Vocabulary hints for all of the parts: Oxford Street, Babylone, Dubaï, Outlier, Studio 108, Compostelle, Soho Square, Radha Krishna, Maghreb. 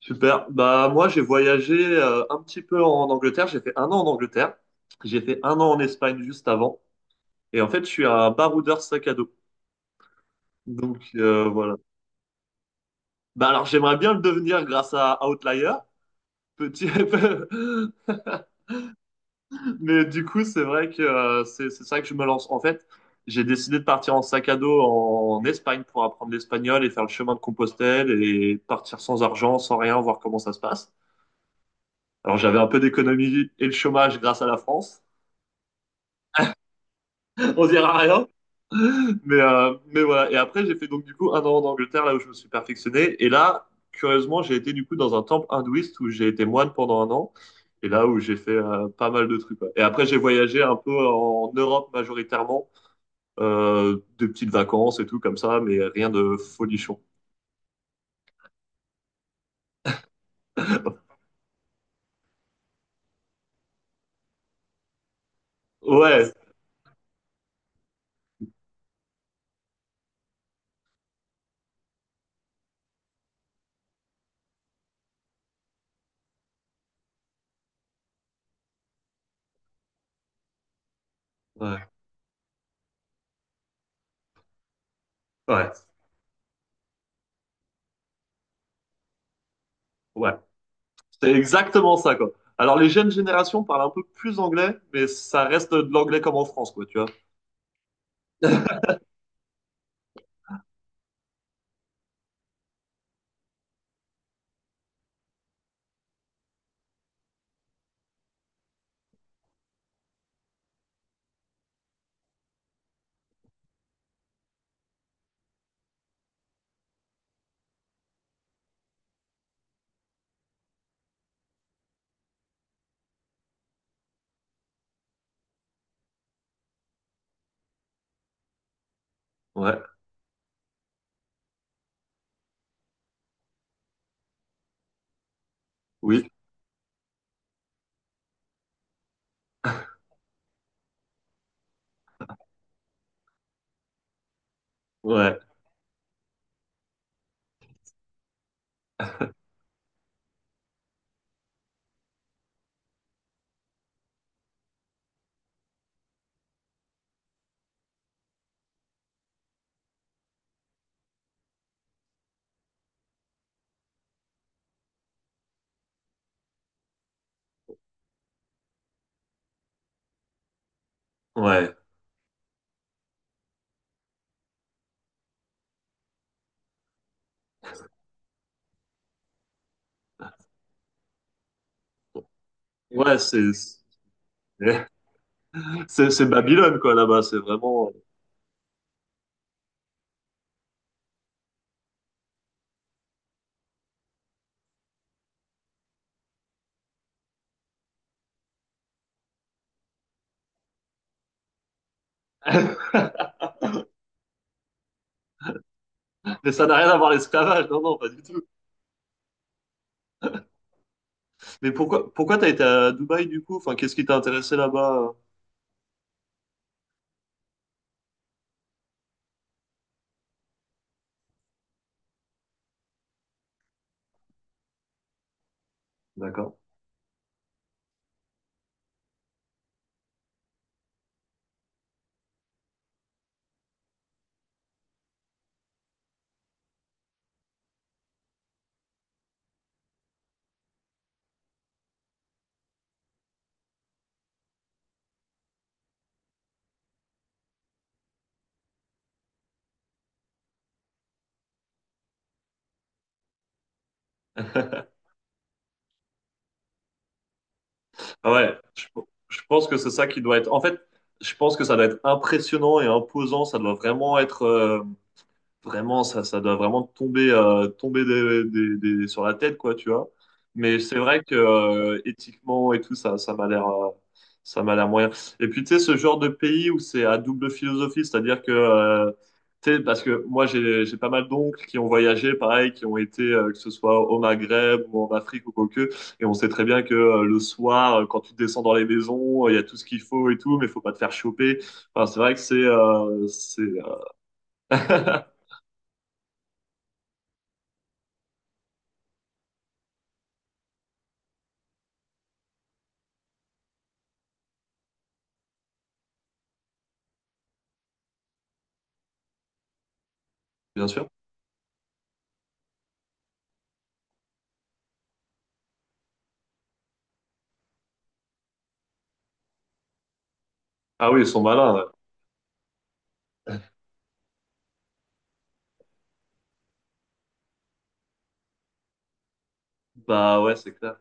Super. Bah moi j'ai voyagé un petit peu en Angleterre. J'ai fait un an en Angleterre. J'ai fait un an en Espagne juste avant. Et en fait je suis un baroudeur sac à dos. Donc voilà. Bah alors j'aimerais bien le devenir grâce à Outlier. Petit. Mais du coup c'est vrai que c'est ça que je me lance. En fait j'ai décidé de partir en sac à dos en Espagne pour apprendre l'espagnol et faire le chemin de Compostelle et partir sans argent, sans rien, voir comment ça se passe. Alors j'avais un peu d'économie et le chômage grâce à la France. On dira rien. Mais voilà. Et après, j'ai fait donc du coup un an en Angleterre, là où je me suis perfectionné. Et là, curieusement, j'ai été du coup dans un temple hindouiste où j'ai été moine pendant un an. Et là où j'ai fait pas mal de trucs. Ouais. Et après, j'ai voyagé un peu en Europe majoritairement, des petites vacances et tout comme ça, mais rien de folichon. Ouais, ouais, ouais, ouais. C'est exactement ça, quoi. Alors, les jeunes générations parlent un peu plus anglais, mais ça reste de l'anglais comme en France, quoi, tu vois. Ouais, oui, ouais, ouais. Ouais, c'est c'est Babylone quoi là-bas, c'est vraiment. Mais ça n'a rien à voir l'esclavage, non non, pas du tout. Mais pourquoi t'as été à Dubaï du coup? Enfin, qu'est-ce qui t'a intéressé là-bas? D'accord. Ah ouais, je pense que c'est ça qui doit être. En fait, je pense que ça doit être impressionnant et imposant. Ça doit vraiment être. Vraiment, ça doit vraiment tomber, sur la tête, quoi, tu vois. Mais c'est vrai que éthiquement et tout, ça m'a l'air moyen. Et puis, tu sais, ce genre de pays où c'est à double philosophie, c'est-à-dire que, tu sais, parce que moi, j'ai pas mal d'oncles qui ont voyagé, pareil, qui ont été, que ce soit au Maghreb ou en Afrique ou quoi que, et on sait très bien que le soir, quand tu descends dans les maisons, il y a tout ce qu'il faut et tout, mais faut pas te faire choper. Enfin, c'est vrai que bien sûr. Ah oui, ils sont malins. Ouais. Bah ouais, c'est clair.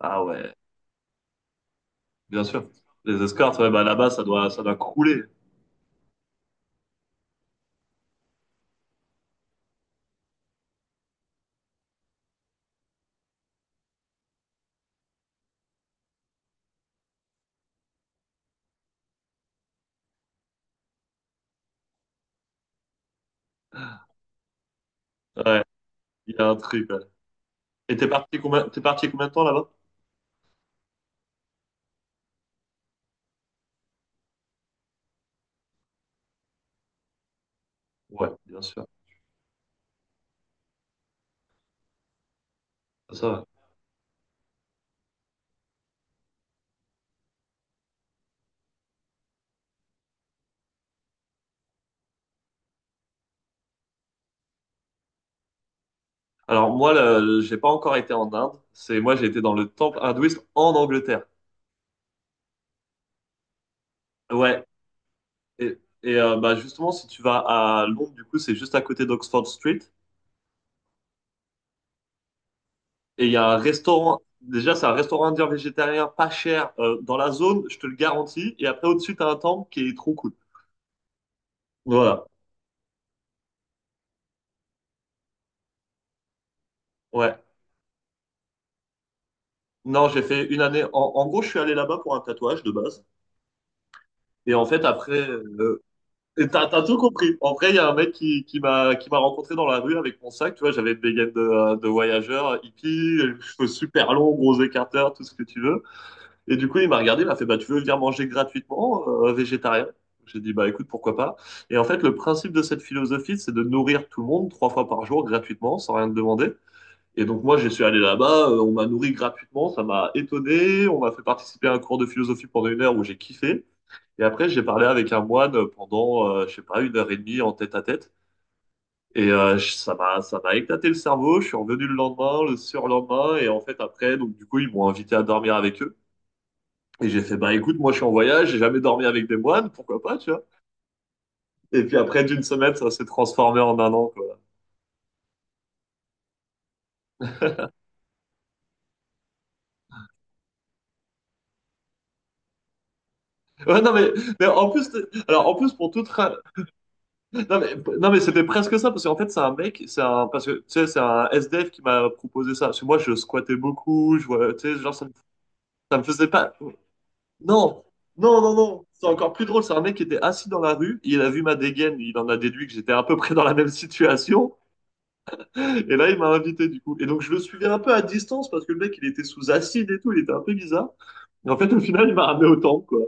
Ah ouais, bien sûr. Les escortes, ouais, bah là-bas, ça doit crouler. Ouais, il y a un truc. Ouais. T'es parti combien de temps là-bas? Ouais, bien sûr. Ça va. Alors moi, j'ai pas encore été en Inde. C'est moi, j'ai été dans le temple hindouiste en Angleterre. Ouais. Et, Bah justement, si tu vas à Londres, du coup, c'est juste à côté d'Oxford Street. Et il y a un restaurant. Déjà, c'est un restaurant indien végétarien pas cher dans la zone, je te le garantis. Et après, au-dessus, t'as un temple qui est trop cool. Voilà. Ouais. Non, j'ai fait une année. En gros, je suis allé là-bas pour un tatouage de base. Et en fait, après, t'as tout compris. En vrai, il y a un mec qui m'a rencontré dans la rue avec mon sac. Tu vois, j'avais une dégaine de voyageur, hippie, cheveux super longs, gros écarteurs, tout ce que tu veux. Et du coup, il m'a regardé, il m'a fait, bah, tu veux venir manger gratuitement, végétarien? J'ai dit, bah, écoute, pourquoi pas? Et en fait, le principe de cette philosophie, c'est de nourrir tout le monde trois fois par jour gratuitement, sans rien te demander. Et donc moi, je suis allé là-bas, on m'a nourri gratuitement, ça m'a étonné, on m'a fait participer à un cours de philosophie pendant une heure où j'ai kiffé. Et après, j'ai parlé avec un moine pendant, je sais pas, une heure et demie en tête à tête. Et ça m'a éclaté le cerveau. Je suis revenu le lendemain, le surlendemain, et en fait après, donc du coup, ils m'ont invité à dormir avec eux. Et j'ai fait, bah écoute, moi je suis en voyage, j'ai jamais dormi avec des moines, pourquoi pas, tu vois. Et puis après, d'une semaine, ça s'est transformé en un an, quoi. Ouais, non mais, mais en plus, t- alors en plus pour tout Non mais, non mais c'était presque ça parce qu'en fait c'est un mec, c'est un parce que tu sais c'est un SDF qui m'a proposé ça. Parce que moi je squattais beaucoup, je vois, tu sais genre ça me faisait pas. Non, non non non, c'est encore plus drôle. C'est un mec qui était assis dans la rue, il a vu ma dégaine, il en a déduit que j'étais à peu près dans la même situation. Et là il m'a invité du coup. Et donc je le suivais un peu à distance parce que le mec il était sous acide et tout, il était un peu bizarre. Et en fait au final il m'a ramené au temple quoi.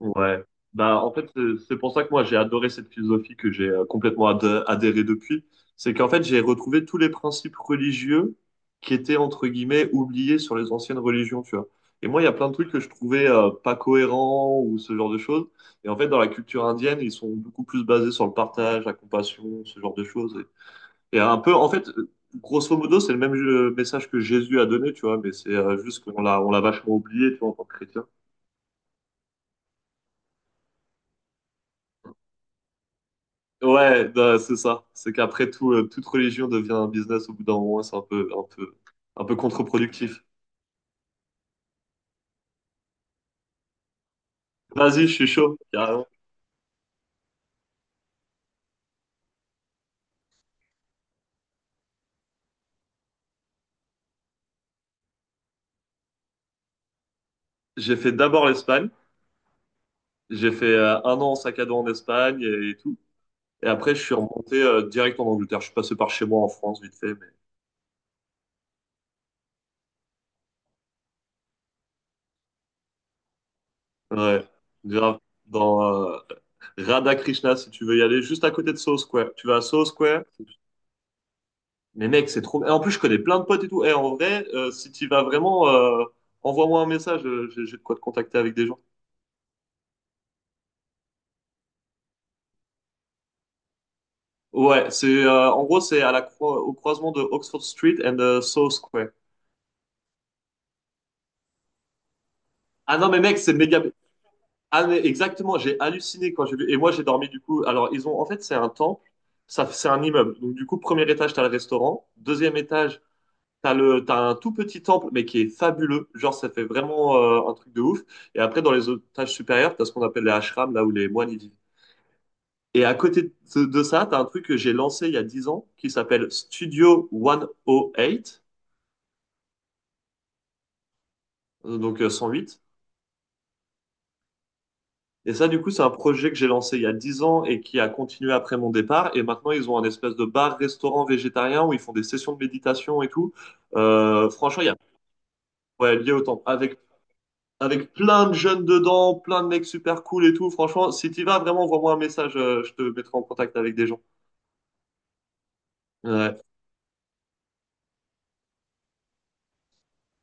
Ouais. Bah, en fait, c'est pour ça que moi, j'ai adoré cette philosophie que j'ai complètement adhéré depuis. C'est qu'en fait, j'ai retrouvé tous les principes religieux qui étaient, entre guillemets, oubliés sur les anciennes religions, tu vois. Et moi, il y a plein de trucs que je trouvais pas cohérents ou ce genre de choses. Et en fait, dans la culture indienne, ils sont beaucoup plus basés sur le partage, la compassion, ce genre de choses. Un peu, en fait, grosso modo, c'est le même message que Jésus a donné, tu vois, mais c'est juste qu'on l'a vachement oublié, tu vois, en tant que chrétien. Ouais, non, c'est ça. C'est qu'après tout, toute religion devient un business au bout d'un moment, c'est un peu contre-productif. Vas-y, je suis chaud, carrément. J'ai fait d'abord l'Espagne. J'ai fait un an en sac à dos en Espagne tout. Et après, je suis remonté direct en Angleterre. Je suis passé par chez moi en France, vite fait, mais ouais, grave. Dans euh, Radha Krishna, si tu veux y aller, juste à côté de Soho Square. Tu vas à Soho Square. Mais mec, c'est trop. Et en plus, je connais plein de potes et tout. Et en vrai, si tu vas vraiment, envoie-moi un message. J'ai de quoi te contacter avec des gens. Ouais, c'est en gros, c'est à la au croisement de Oxford Street and South Square. Ah non, mais mec, c'est méga. Ah mais exactement, j'ai halluciné quand j'ai vu. Et moi, j'ai dormi du coup. Alors, ils ont en fait, c'est un temple. Ça, c'est un immeuble. Donc du coup, premier étage, t'as le restaurant. Deuxième étage, t'as un tout petit temple, mais qui est fabuleux. Genre, ça fait vraiment un truc de ouf. Et après, dans les étages supérieurs, t'as ce qu'on appelle les ashrams, là où les moines y vivent. Et à côté de ça, tu as un truc que j'ai lancé il y a 10 ans qui s'appelle Studio 108, donc 108. Et ça, du coup, c'est un projet que j'ai lancé il y a 10 ans et qui a continué après mon départ. Et maintenant, ils ont un espèce de bar-restaurant végétarien où ils font des sessions de méditation et tout. Franchement, il y a ouais, lié au temps. Avec plein de jeunes dedans, plein de mecs super cool et tout. Franchement, si tu vas, vraiment, envoie-moi un message. Je te mettrai en contact avec des gens. Ouais.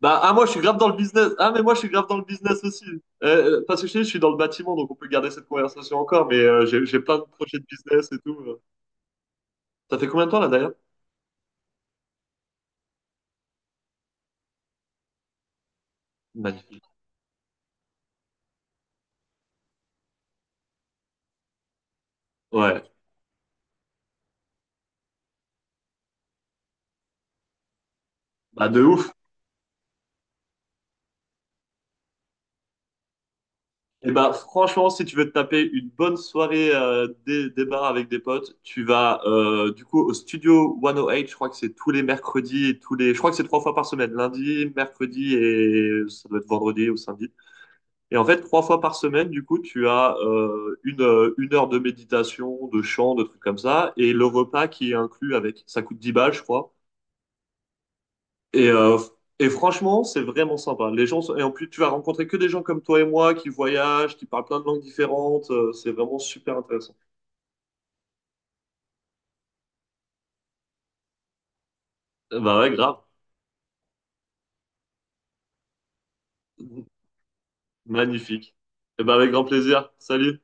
Bah, ah, moi, je suis grave dans le business. Ah, mais moi, je suis grave dans le business aussi. Parce que je te dis, je suis dans le bâtiment, donc on peut garder cette conversation encore, mais j'ai plein de projets de business et tout. Ça fait combien de temps, là, d'ailleurs? Magnifique. Ouais. Bah, de ouf. Et bah, franchement, si tu veux te taper une bonne soirée des bars avec des potes, tu vas, du coup, au studio 108, je crois que c'est tous les mercredis et tous les... Je crois que c'est trois fois par semaine, lundi, mercredi et ça doit être vendredi ou samedi. Et en fait, trois fois par semaine, du coup, tu as une heure de méditation, de chant, de trucs comme ça, et le repas qui est inclus avec. Ça coûte 10 balles, je crois. Et, euh, Franchement, c'est vraiment sympa. Les gens sont... Et en plus, tu vas rencontrer que des gens comme toi et moi qui voyagent, qui parlent plein de langues différentes. C'est vraiment super intéressant. Eh ben ouais, grave. Magnifique. Eh ben avec grand plaisir. Salut.